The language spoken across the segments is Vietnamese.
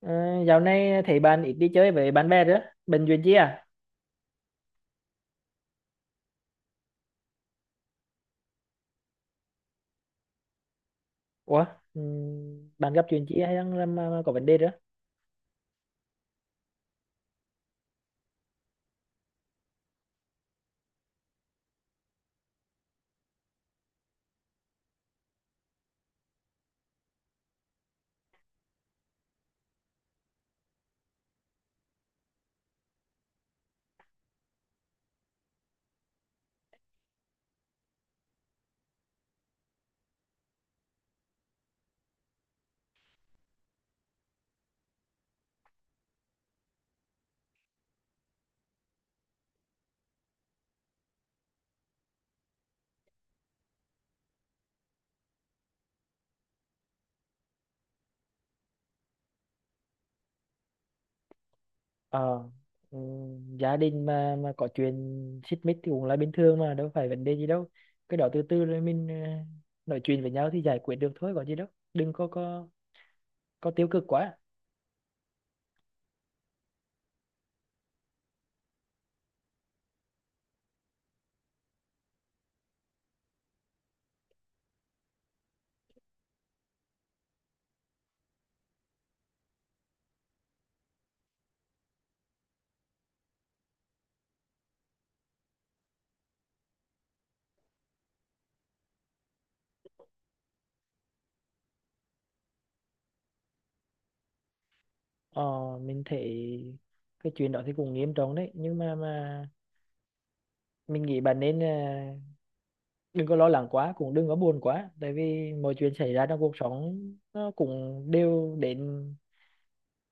Ờ, Dạo này thấy bạn ít đi chơi với bạn bè nữa. Bệnh chuyện chi à? Ủa, ừ, bạn gặp chuyện chi hay đang mà có vấn đề nữa? Ờ, ừ, Gia đình mà có chuyện xích mích thì cũng là bình thường mà, đâu phải vấn đề gì đâu. Cái đó từ từ rồi mình nói chuyện với nhau thì giải quyết được thôi, có gì đâu. Đừng có tiêu cực quá. Ờ, mình thấy cái chuyện đó thì cũng nghiêm trọng đấy, nhưng mà mình nghĩ bạn nên đừng có lo lắng quá, cũng đừng có buồn quá, tại vì mọi chuyện xảy ra trong cuộc sống nó cũng đều đến,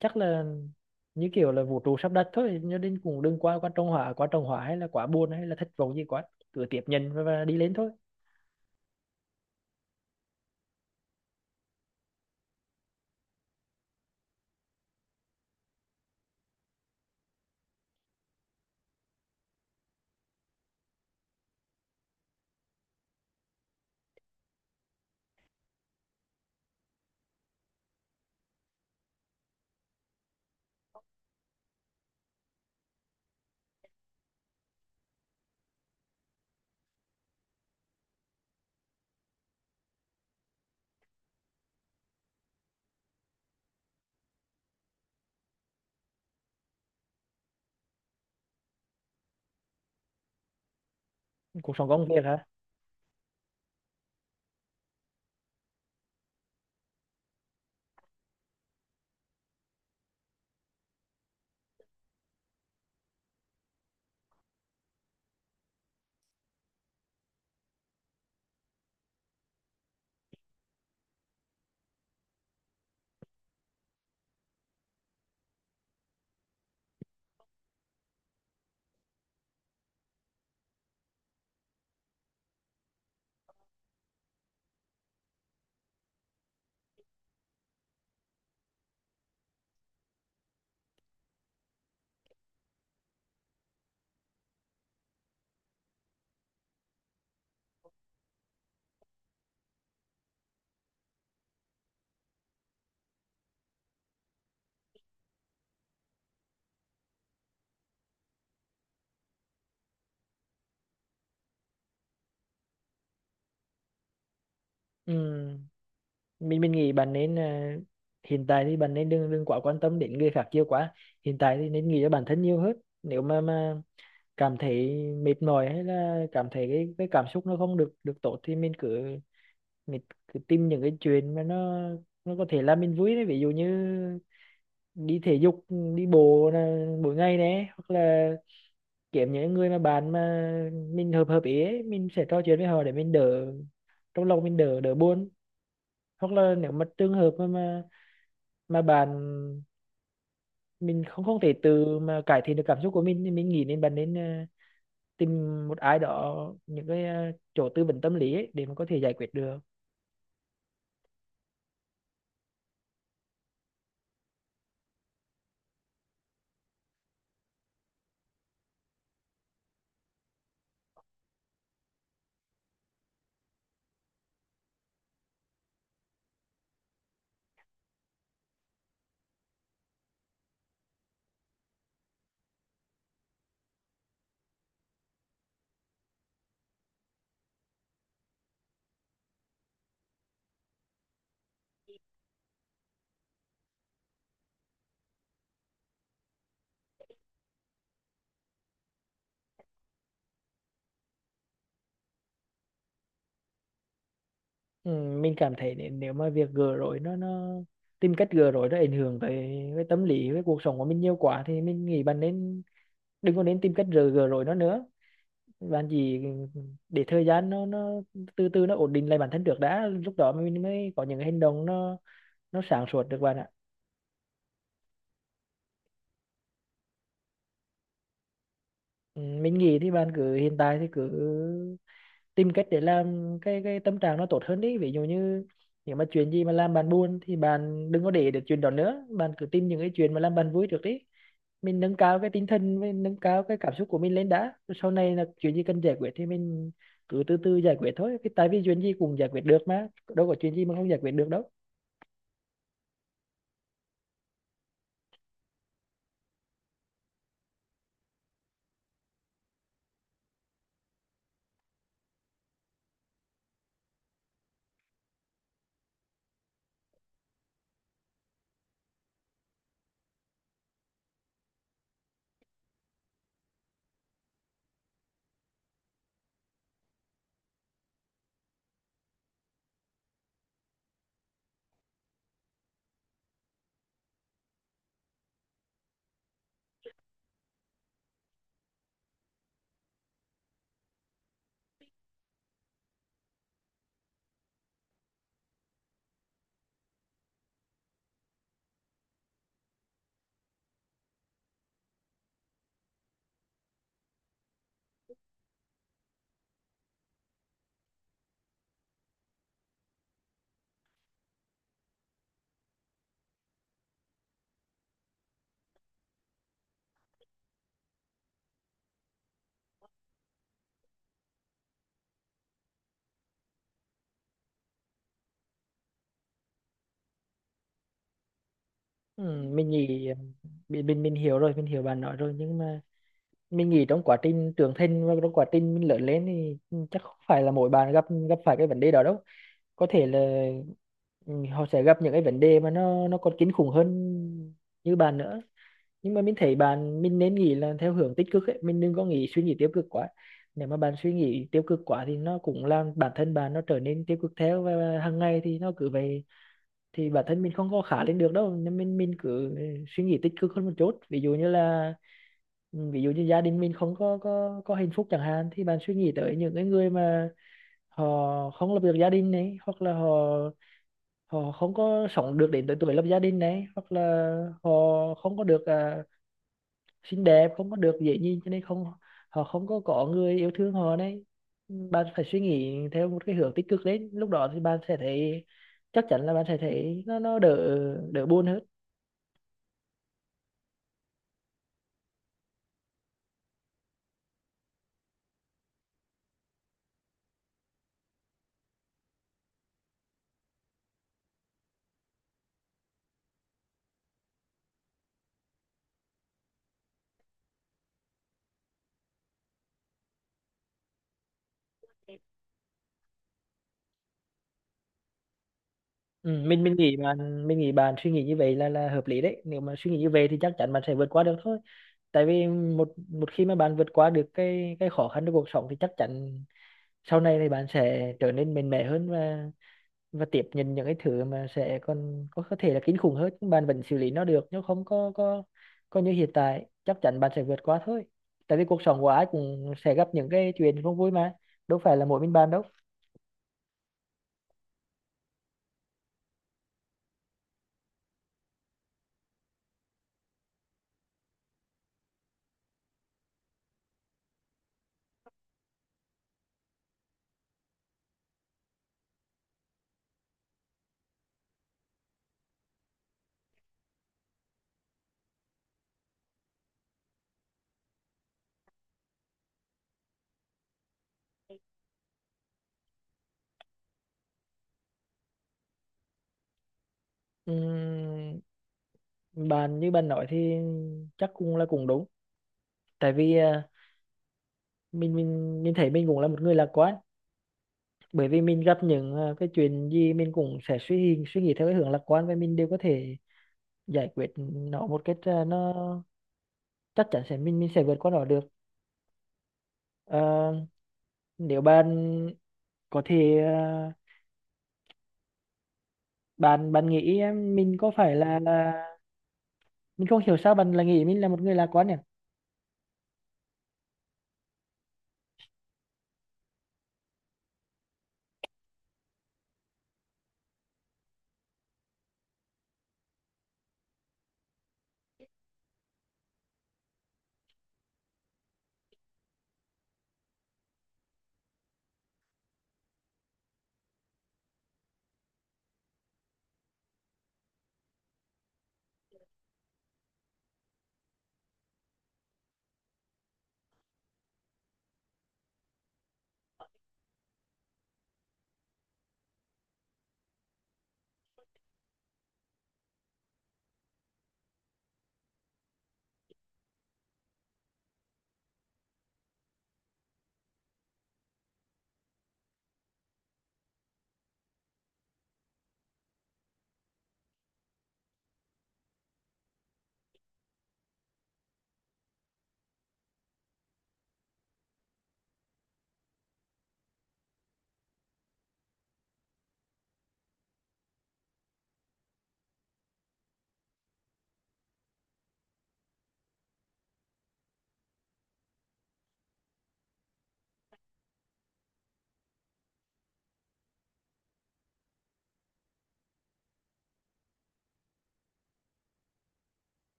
chắc là như kiểu là vũ trụ sắp đặt thôi, cho nên cũng đừng quá quá trông hỏa, quá trông hỏa hay là quá buồn hay là thất vọng gì quá, cứ tiếp nhận và đi lên thôi. Cuộc sống công việc hả? Ừ. mình nghĩ bạn nên hiện tại thì bạn nên đừng đừng quá quan tâm đến người khác nhiều quá, hiện tại thì nên nghĩ cho bản thân nhiều hơn. Nếu mà cảm thấy mệt mỏi hay là cảm thấy cái cảm xúc nó không được được tốt thì mình cứ tìm những cái chuyện mà nó có thể làm mình vui đấy, ví dụ như đi thể dục, đi bộ là mỗi ngày đấy, hoặc là kiếm những người mà bạn mà mình hợp hợp ý ấy, mình sẽ trò chuyện với họ để mình đỡ, trong lòng mình đỡ đỡ buồn. Hoặc là nếu mà trường hợp mà mình không không thể tự mà cải thiện được cảm xúc của mình thì mình nghĩ nên bạn nên tìm một ai đó, những cái chỗ tư vấn tâm lý ấy, để mà có thể giải quyết được. Ừ, mình cảm thấy nếu nếu mà việc gỡ rối nó tìm cách gỡ rối nó ảnh hưởng tới, với tâm lý với cuộc sống của mình nhiều quá thì mình nghĩ bạn nên đừng có nên tìm cách gỡ gỡ rối nó nữa, bạn chỉ để thời gian nó từ từ nó ổn định lại bản thân trước đã, lúc đó mình mới có những hành động nó sáng suốt được bạn ạ. Ừ, mình nghĩ thì bạn cứ hiện tại thì cứ tìm cách để làm cái tâm trạng nó tốt hơn đi, ví dụ như nếu mà chuyện gì mà làm bạn buồn thì bạn đừng có để được chuyện đó nữa, bạn cứ tìm những cái chuyện mà làm bạn vui trước đi, mình nâng cao cái tinh thần, mình nâng cao cái cảm xúc của mình lên đã. Rồi sau này là chuyện gì cần giải quyết thì mình cứ từ từ giải quyết thôi, cái tại vì chuyện gì cũng giải quyết được mà, đâu có chuyện gì mà không giải quyết được đâu. Ừ, mình nghĩ mình hiểu rồi, mình hiểu bạn nói rồi, nhưng mà mình nghĩ trong quá trình trưởng thành và trong quá trình mình lớn lên thì chắc không phải là mỗi bạn gặp gặp phải cái vấn đề đó đâu, có thể là ừ, họ sẽ gặp những cái vấn đề mà nó còn kinh khủng hơn như bạn nữa. Nhưng mà mình thấy bạn, mình nên nghĩ là theo hướng tích cực ấy, mình đừng có nghĩ suy nghĩ tiêu cực quá. Nếu mà bạn suy nghĩ tiêu cực quá thì nó cũng làm bản thân bạn nó trở nên tiêu cực theo, và hàng ngày thì nó cứ vậy thì bản thân mình không có khá lên được đâu, nên mình cứ suy nghĩ tích cực hơn một chút, ví dụ như là ví dụ như gia đình mình không có hạnh phúc chẳng hạn thì bạn suy nghĩ tới những cái người mà họ không lập được gia đình này, hoặc là họ họ không có sống được đến tới tuổi lập gia đình này, hoặc là họ không có được xinh đẹp, không có được dễ nhìn cho nên không, họ không có người yêu thương họ này. Bạn phải suy nghĩ theo một cái hướng tích cực lên, lúc đó thì bạn sẽ thấy, chắc chắn là bạn sẽ thấy nó đỡ, đỡ buồn hơn. Ừ, mình nghĩ bạn, mình nghĩ bạn suy nghĩ như vậy là hợp lý đấy, nếu mà suy nghĩ như vậy thì chắc chắn bạn sẽ vượt qua được thôi, tại vì một một khi mà bạn vượt qua được cái khó khăn trong cuộc sống thì chắc chắn sau này thì bạn sẽ trở nên mạnh mẽ hơn, và tiếp nhận những cái thứ mà sẽ còn có thể là kinh khủng hơn, nhưng bạn vẫn xử lý nó được. Nếu không có như hiện tại, chắc chắn bạn sẽ vượt qua thôi, tại vì cuộc sống của ai cũng sẽ gặp những cái chuyện không vui mà, đâu phải là mỗi mình bạn đâu. Ừm, Bạn như bạn nói thì chắc cũng là cũng đúng, tại vì mình thấy mình cũng là một người lạc quan, bởi vì mình gặp những cái chuyện gì mình cũng sẽ suy suy nghĩ theo cái hướng lạc quan và mình đều có thể giải quyết nó một cách à, nó chắc chắn sẽ mình sẽ vượt qua nó được. Ờ, Nếu bạn có thể bạn bạn nghĩ em, mình có phải là mình không hiểu sao bạn lại nghĩ mình là một người lạc quan nhỉ?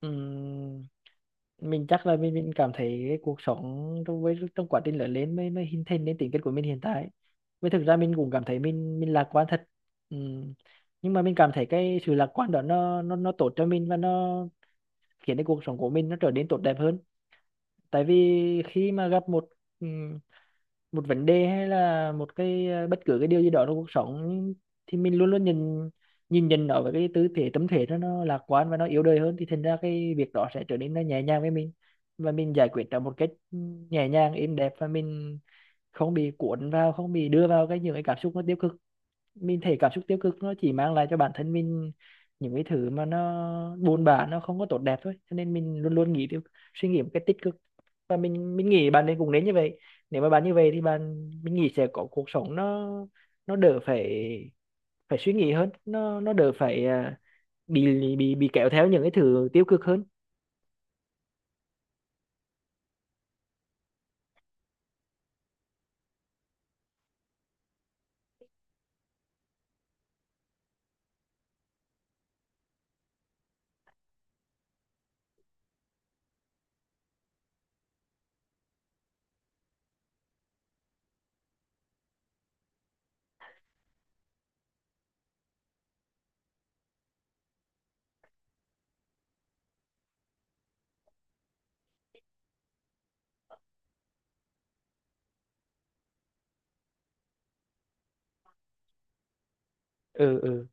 Ừm, mình chắc là mình cảm thấy cái cuộc sống trong, với trong quá trình lớn lên mới mới hình thành nên tính cách của mình hiện tại, với thực ra mình cũng cảm thấy mình lạc quan thật. Ừm. Nhưng mà mình cảm thấy cái sự lạc quan đó nó tốt cho mình và nó khiến cái cuộc sống của mình nó trở nên tốt đẹp hơn, tại vì khi mà gặp một một vấn đề hay là một cái bất cứ cái điều gì đó trong cuộc sống thì mình luôn luôn nhìn, nhìn nhận nó với cái tư thế, tâm thế nó lạc quan và nó yếu đời hơn, thì thành ra cái việc đó sẽ trở nên nó nhẹ nhàng với mình, và mình giải quyết nó một cách nhẹ nhàng êm đẹp, và mình không bị cuốn vào, không bị đưa vào cái những cái cảm xúc nó tiêu cực. Mình thấy cảm xúc tiêu cực nó chỉ mang lại cho bản thân mình những cái thứ mà nó buồn bã, nó không có tốt đẹp thôi, cho nên mình luôn luôn nghĩ tiêu suy nghĩ một cái tích cực. Và mình nghĩ bạn nên, cũng nên như vậy. Nếu mà bạn như vậy thì bạn, mình nghĩ sẽ có cuộc sống nó đỡ phải, suy nghĩ hơn, nó đỡ phải bị kéo theo những cái thứ tiêu cực hơn. ừ ừ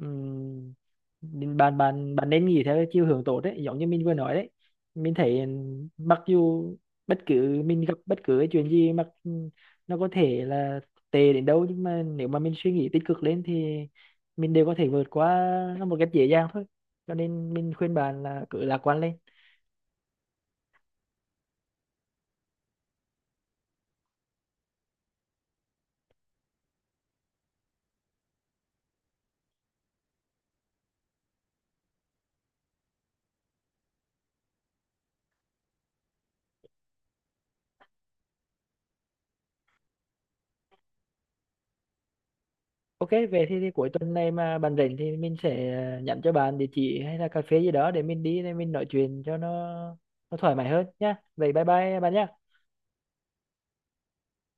Ừm, Nên bạn bạn bạn nên nghĩ theo cái chiều hướng tốt đấy, giống như mình vừa nói đấy. Mình thấy mặc dù bất cứ cái chuyện gì nó có thể là tệ đến đâu, nhưng mà nếu mà mình suy nghĩ tích cực lên thì mình đều có thể vượt qua nó một cách dễ dàng thôi, cho nên mình khuyên bạn là cứ lạc quan lên. OK thì, cuối tuần này mà bạn rảnh thì mình sẽ nhắn cho bạn địa chỉ hay là cà phê gì đó để mình đi, để mình nói chuyện cho nó thoải mái hơn nhá. Vậy bye bye bạn nhá.